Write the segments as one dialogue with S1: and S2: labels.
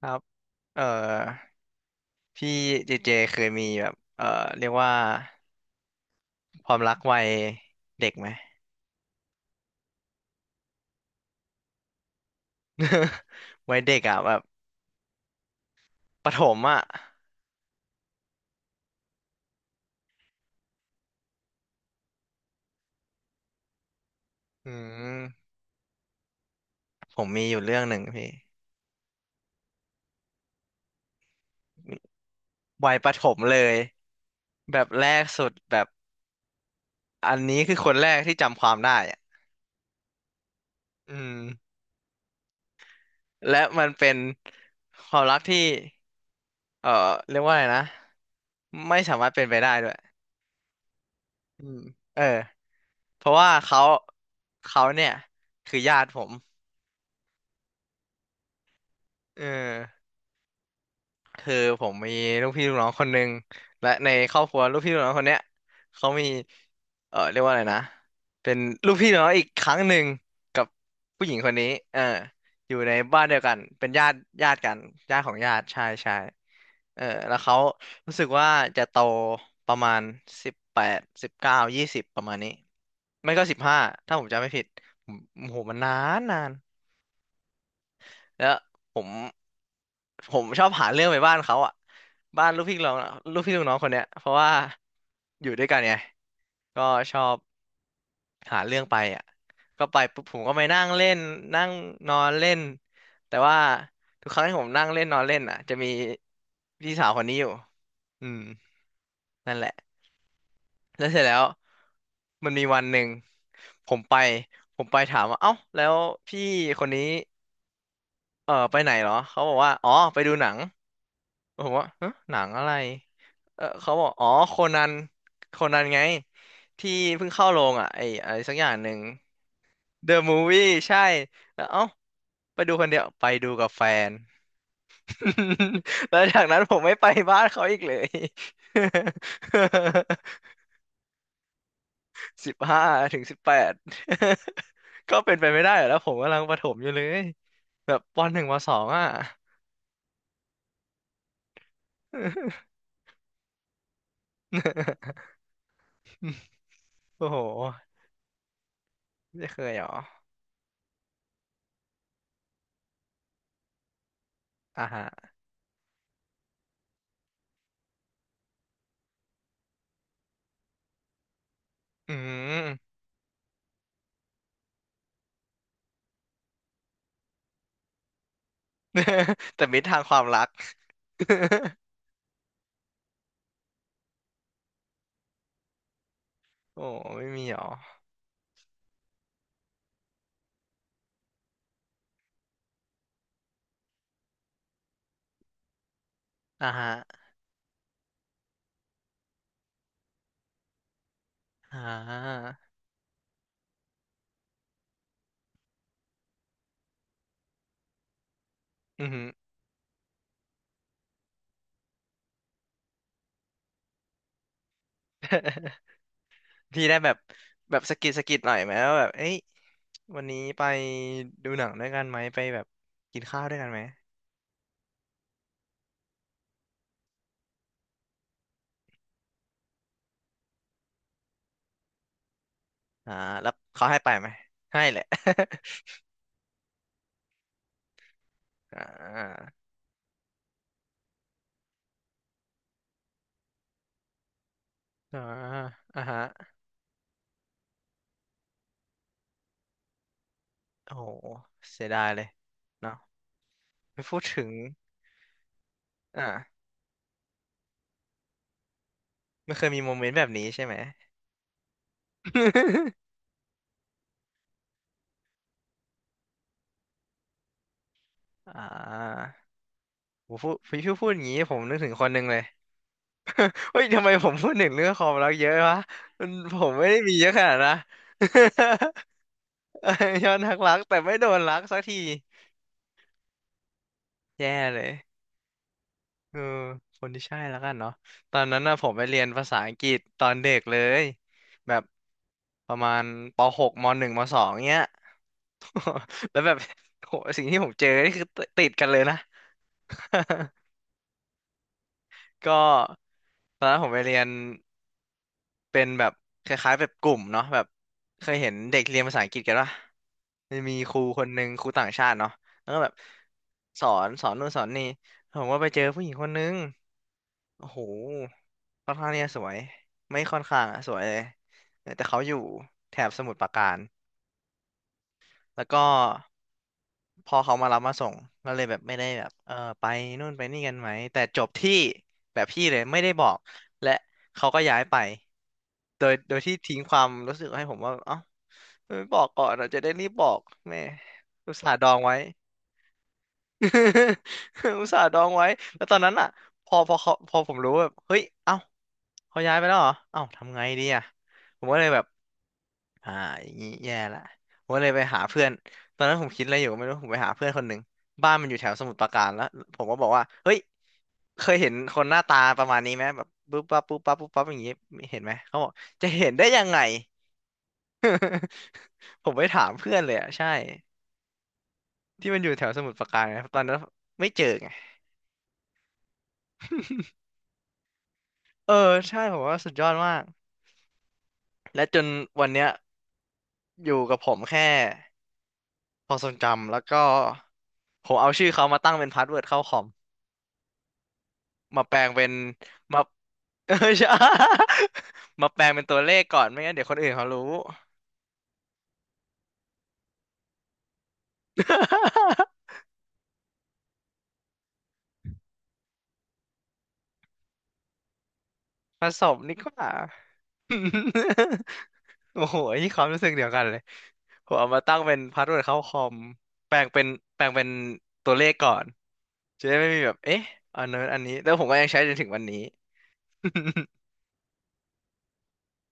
S1: ครับเอ่อพี่เจเจเคยมีแบบเรียกว่าความรักวัยเด็กไหม วัยเด็กอ่ะแบบประถมอ่ะอืมผมมีอยู่เรื่องหนึ่งพี่วัยประถมเลยแบบแรกสุดแบบอันนี้คือคนแรกที่จำความได้อ่ะอืมและมันเป็นความรักที่เอ่อเรียกว่าอะไรนะไม่สามารถเป็นไปได้ด้วยอืมเออเพราะว่าเขาเนี่ยคือญาติผม เออคือผมมีลูกพี่ลูกน้องคนหนึ่งและในครอบครัวลูกพี่ลูกน้องคนเนี้ยเขามีเออเรียกว่าอะไรนะเป็นลูกพี่ลูกน้องอีกครั้งหนึ่งกับผู้หญิงคนนี้เอออยู่ในบ้านเดียวกันเป็นญาติญาติกันญาติของญาติใช่ใช่เออแล้วเขารู้สึกว่าจะโตประมาณสิบแปดสิบเก้ายี่สิบประมาณนี้ไม่ก็สิบห้าถ้าผมจำไม่ผิดผมโอ้โหมันนานนาน แล้วผมผมชอบหาเรื่องไปบ้านเขาอ่ะบ้านลูกพี่ลูกน้องลูกพี่ลูกน้องคนเนี้ยเพราะว่าอยู่ด้วยกันไงก็ชอบหาเรื่องไปอ่ะก็ไปปุ๊บผมก็ไปนั่งเล่นนั่งนอนเล่นแต่ว่าทุกครั้งที่ผมนั่งเล่นนอนเล่นอ่ะจะมีพี่สาวคนนี้อยู่อืมนั่นแหละแล้วเสร็จแล้วมันมีวันหนึ่งผมไปผมไปถามว่าเอ้าแล้วพี่คนนี้เออไปไหนเหรอเขาบอกว่าอ๋อไปดูหนัง ผมว่าฮะหนังอะไรเออเขาบอกอ๋อโคนันโคนันไงที่เพิ่งเข้าโรงอ่ะไอ้อะไรสักอย่างหนึ่ง The Movie ใช่แล้วเอ้าไปดูคนเดียวไปดูกับแฟน แล้วจากนั้นผมไม่ไปบ้านเขาอีกเลย สิบห้าถึงสิบแปด ก็เป็นไปไม่ได้เหรอแล้วผมกำลังประถมอยู่เลยแบบปหนึ่งปสองอ่ะ โอ้โหไม่เคยเหรออ่าฮะอืม แต่มิตรทางความรัก โอ้ไม่มีหรออ่าฮะอ่าอือหือ พี่ได้แบบแบบสะกิดหน่อยไหมว่าแบบเอ้ยวันนี้ไปดูหนังด้วยกันไหมไปแบบกินข้าวด้วยกันไหมอ่าแล้วเขาให้ไปไหมให้แหละ อ่าอ่าอ่าฮะโอ้โหเสียดายเลยเนาะไม่พูดถึงอ่าไม่เคยมีโมเมนต์แบบนี้ใช่ไหม อ่าผมพี่พูดอย่างนี้ผมนึกถึงคนหนึ่งเลย เฮ้ย ทำไมผมพูดถึงเรื่องความรักเยอะวะมันผมไม่ได้มีเยอะขนาดนะ ยอดนักรัก แต่ไม่โดนรักสักทีแย่เลยเออคนที่ใช่แล้วกันเนาะตอนนั้นน่ะผมไปเรียนภาษาอังกฤษตอนเด็กเลย แบบประมาณป .6 ม .1 ม .2 เงี้ย แล้วแบบโหสิ่งที่ผมเจอนี่คือติดกันเลยนะ ก็ตอนนั้นผมไปเรียน เป็นแบบคล้ายๆแบบกลุ่มเนาะแบบเคยเห็นเด็กเรียนภาษาอังกฤษกันปะมันมีครูคนหนึ่งครูต่างชาติเนาะแล้วก็แบบสอนนู่นสอนนี่ผมก็ไปเจอผู้หญิงคนนึงโอ้โหค่อนข้างเนี่ยสวยไม่ค่อนข้างอะสวยเลยแต่เขาอยู่แถบสมุทรปราการ แล้วก็พอเขามารับมาส่งก็เลยแบบไม่ได้แบบเออไปนู่นไปนี่กันไหมแต่จบที่แบบพี่เลยไม่ได้บอกและเขาก็ย้ายไปโดยที่ทิ้งความรู้สึกให้ผมว่าเอ้าไม่บอกก่อนเราจะได้รีบบอกแม่อุตส่าห์ดองไว้ อุตส่าห์ดองไว้แล้วตอนนั้นอ่ะพอพอเขาพอผมรู้แบบเฮ้ยเอ้าเขาย้ายไปแล้วเหรอเอ้าทำไงดีอ่ะผมก็เลยแบบ อ่าอย่างงี้แย่ละผมก็เลยไปหาเพื่อนตอนนั้นผมคิดอะไรอยู่ก็ไม่รู้ผมไปหาเพื่อนคนหนึ่งบ้านมันอยู่แถวสมุทรปราการแล้วผมก็บอกว่าเฮ้ยเคยเห็นคนหน้าตาประมาณนี้ไหมแบบปุ๊บปั๊บปุ๊บปั๊บปุ๊บปั๊บอย่างงี้เห็นไหมเขาบอกจะเห็นได้ยังไงผมไปถามเพื่อนเลยอ่ะใช่ที่มันอยู่แถวสมุทรปราการไงตอนนั้นไม่เจอไงเออใช่ผมว่าสุดยอดมากและจนวันเนี้ยอยู่กับผมแค่ความทรงจำแล้วก็ผมเอาชื่อเขามาตั้งเป็นพาสเวิร์ดเข้าคอม มาแปลงเป็นมา เออ ใช่ มาแปลงเป็นตัวเลขก่อนไม่งั้นเดี๋ยวคนอื่นเขารู้ ผสมนี่กว่า โอ้โหนี่ความรู้สึกเดียวกันเลยผมเอามาตั้งเป็นพาสเวิร์ดเข้าคอมแปลงเป็นแปลงเป็นตัวเลขก่อนจะได้ไม่มีแบบเอ๊ะอันนั้นอันนี้แล้วผมก็ยังใช้จนถึงวันนี้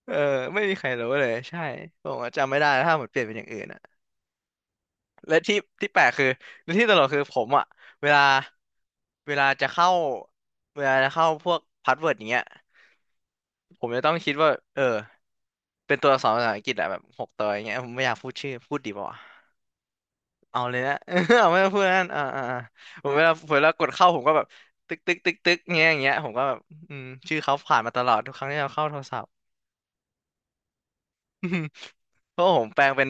S1: เออไม่มีใครรู้เลยใช่ผมก็จำไม่ได้แล้วถ้าผมเปลี่ยนเป็นอย่างอื่นอะ และที่แปลกคือและที่ตลกคือผมอ่ะเวลาเวลาจะเข้าเวลาจะเข้าพวกพาสเวิร์ดอย่างเงี้ยผมจะต้องคิดว่าเออเป็นตัวอักษรภาษาอังกฤษอะแบบหกตัวอย่างเงี้ยผมไม่อยากพูดชื่อพูดดีป่าวะเอาเลยนะ เอาไม่ต้องพูดนั่นผมเวลากดเข้าผมก็แบบตึกตึกตึกตึกเงี้ยอย่างเงี้ยผมก็แบบชื่อเขาผ่านมาตลอดทุกครั้งที่เราเข้าโทรศัพท์ เพราะผมแปลงเป็น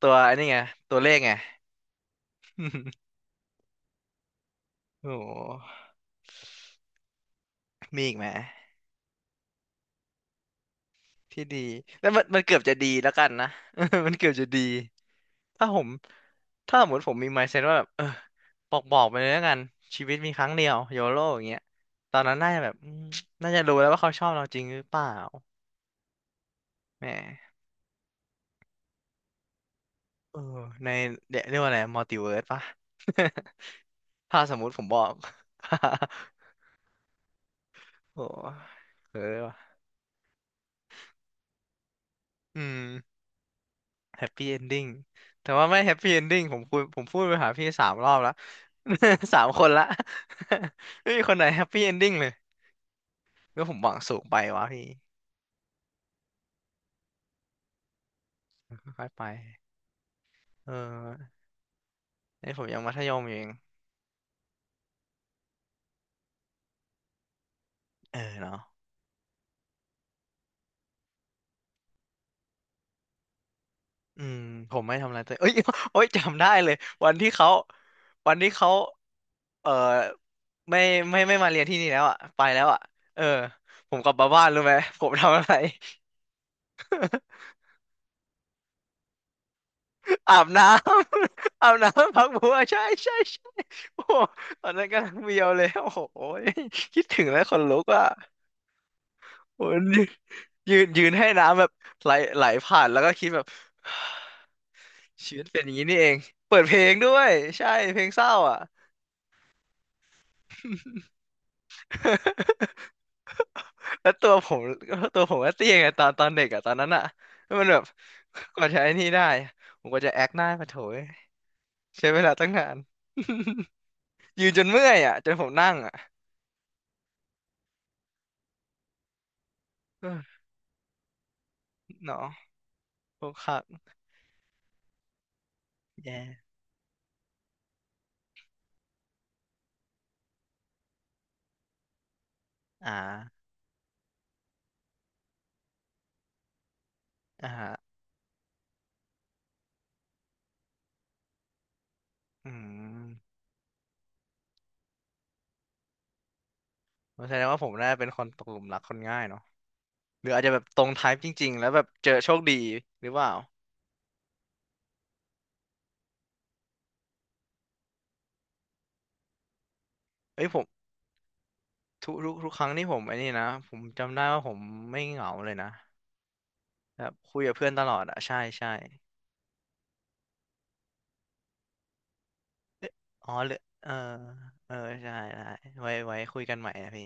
S1: ตัวไอันนี้ไงตัวเลขไงโอ้โหมีอีกไหม ที่ดีแล้วมันเกือบจะดีแล้วกันนะ มันเกือบจะดี ถ้าผมถ้าสมมติผมมี mindset ว่าแบบเออบอกไปเลยแล้วกัน ชีวิตมีครั้งเดียวโยโ o อย่างเงี้ยตอนนั้นน่าจะแบบอืมน่าจะรู้แล้วว่าเขาชอบเราจริงหรือเปล่าแหมเออในเรียกว่าอะไรมัลติเวิร์สปะ ถ้าสมมติผมบอก โอ้เออว่ะอืม แฮปปี้เอนดิ้งแต่ว่าไม่แฮปปี้เอนดิ้งผมคุยผมพูดไปหาพี่สามรอบแล้ว สามคนละ ไม่มีคนไหนแฮปปี้เอนดิ้งเลย ก็ผมหวังสูงไปวะพี่ค่อยๆไปเออไอ้ผมยังมัธยมอยู่เองเออเนาะอืมผมไม่ทำอะไรแต่เอ้ย โอ้ย จำได้เลยวันที่เขาวันที่เขา เออไม่ไม่ไม่มาเรียนที่นี่แล้วอ่ะไปแล้วอ่ะเออผมกลับมาบ้านรู้ไหม ผมทำอะไร อาบน้ำ อาบน้ำพักบัวใช่ใช่ใช่โอ้โหตอนนั้นกำลังเบียวเลยโอ้โหยคิดถึงแล้วขนลุกอ่ะโอ้ยยืนให้น้ำแบบไหลไหลผ่านแล้วก็คิดแบบ ชีวิตเป็นอย่างนี้นี่เองเปิดเพลงด้วยใช่เพลงเศร้าอ่ะ แล้วตัวผมก็เตี้ยไงตอนเด็กอ่ะตอนนั้นอ่ะแล้วมันแบบกว่าจะไอ้นี่ได้ผมก็จะแอคหน้ามาโถยใช้เวลาตั้งนาน ยืนจนเมื่อยอ่ะจนผมนั่งอ่ะ เออเนาะ พวกครับแย่อ่าอ่าฮะอืมแสดงว่าผมน่าเป็นคนตกหลุมรักคนง่ายเนาะหรืออาจจะแบบตรงไทป์จริงๆแล้วแบบเจอโชคดีหรือเปล่าเอ้ยผมทุกครั้งที่ผมไอ้นี่นะผมจำได้ว่าผมไม่เหงาเลยนะแบบคุยกับเพื่อนตลอดอะใช่ใช่เอ๊ะอ๋อเหรือเออเออใช่ได้ไว้คุยกันใหม่นะพี่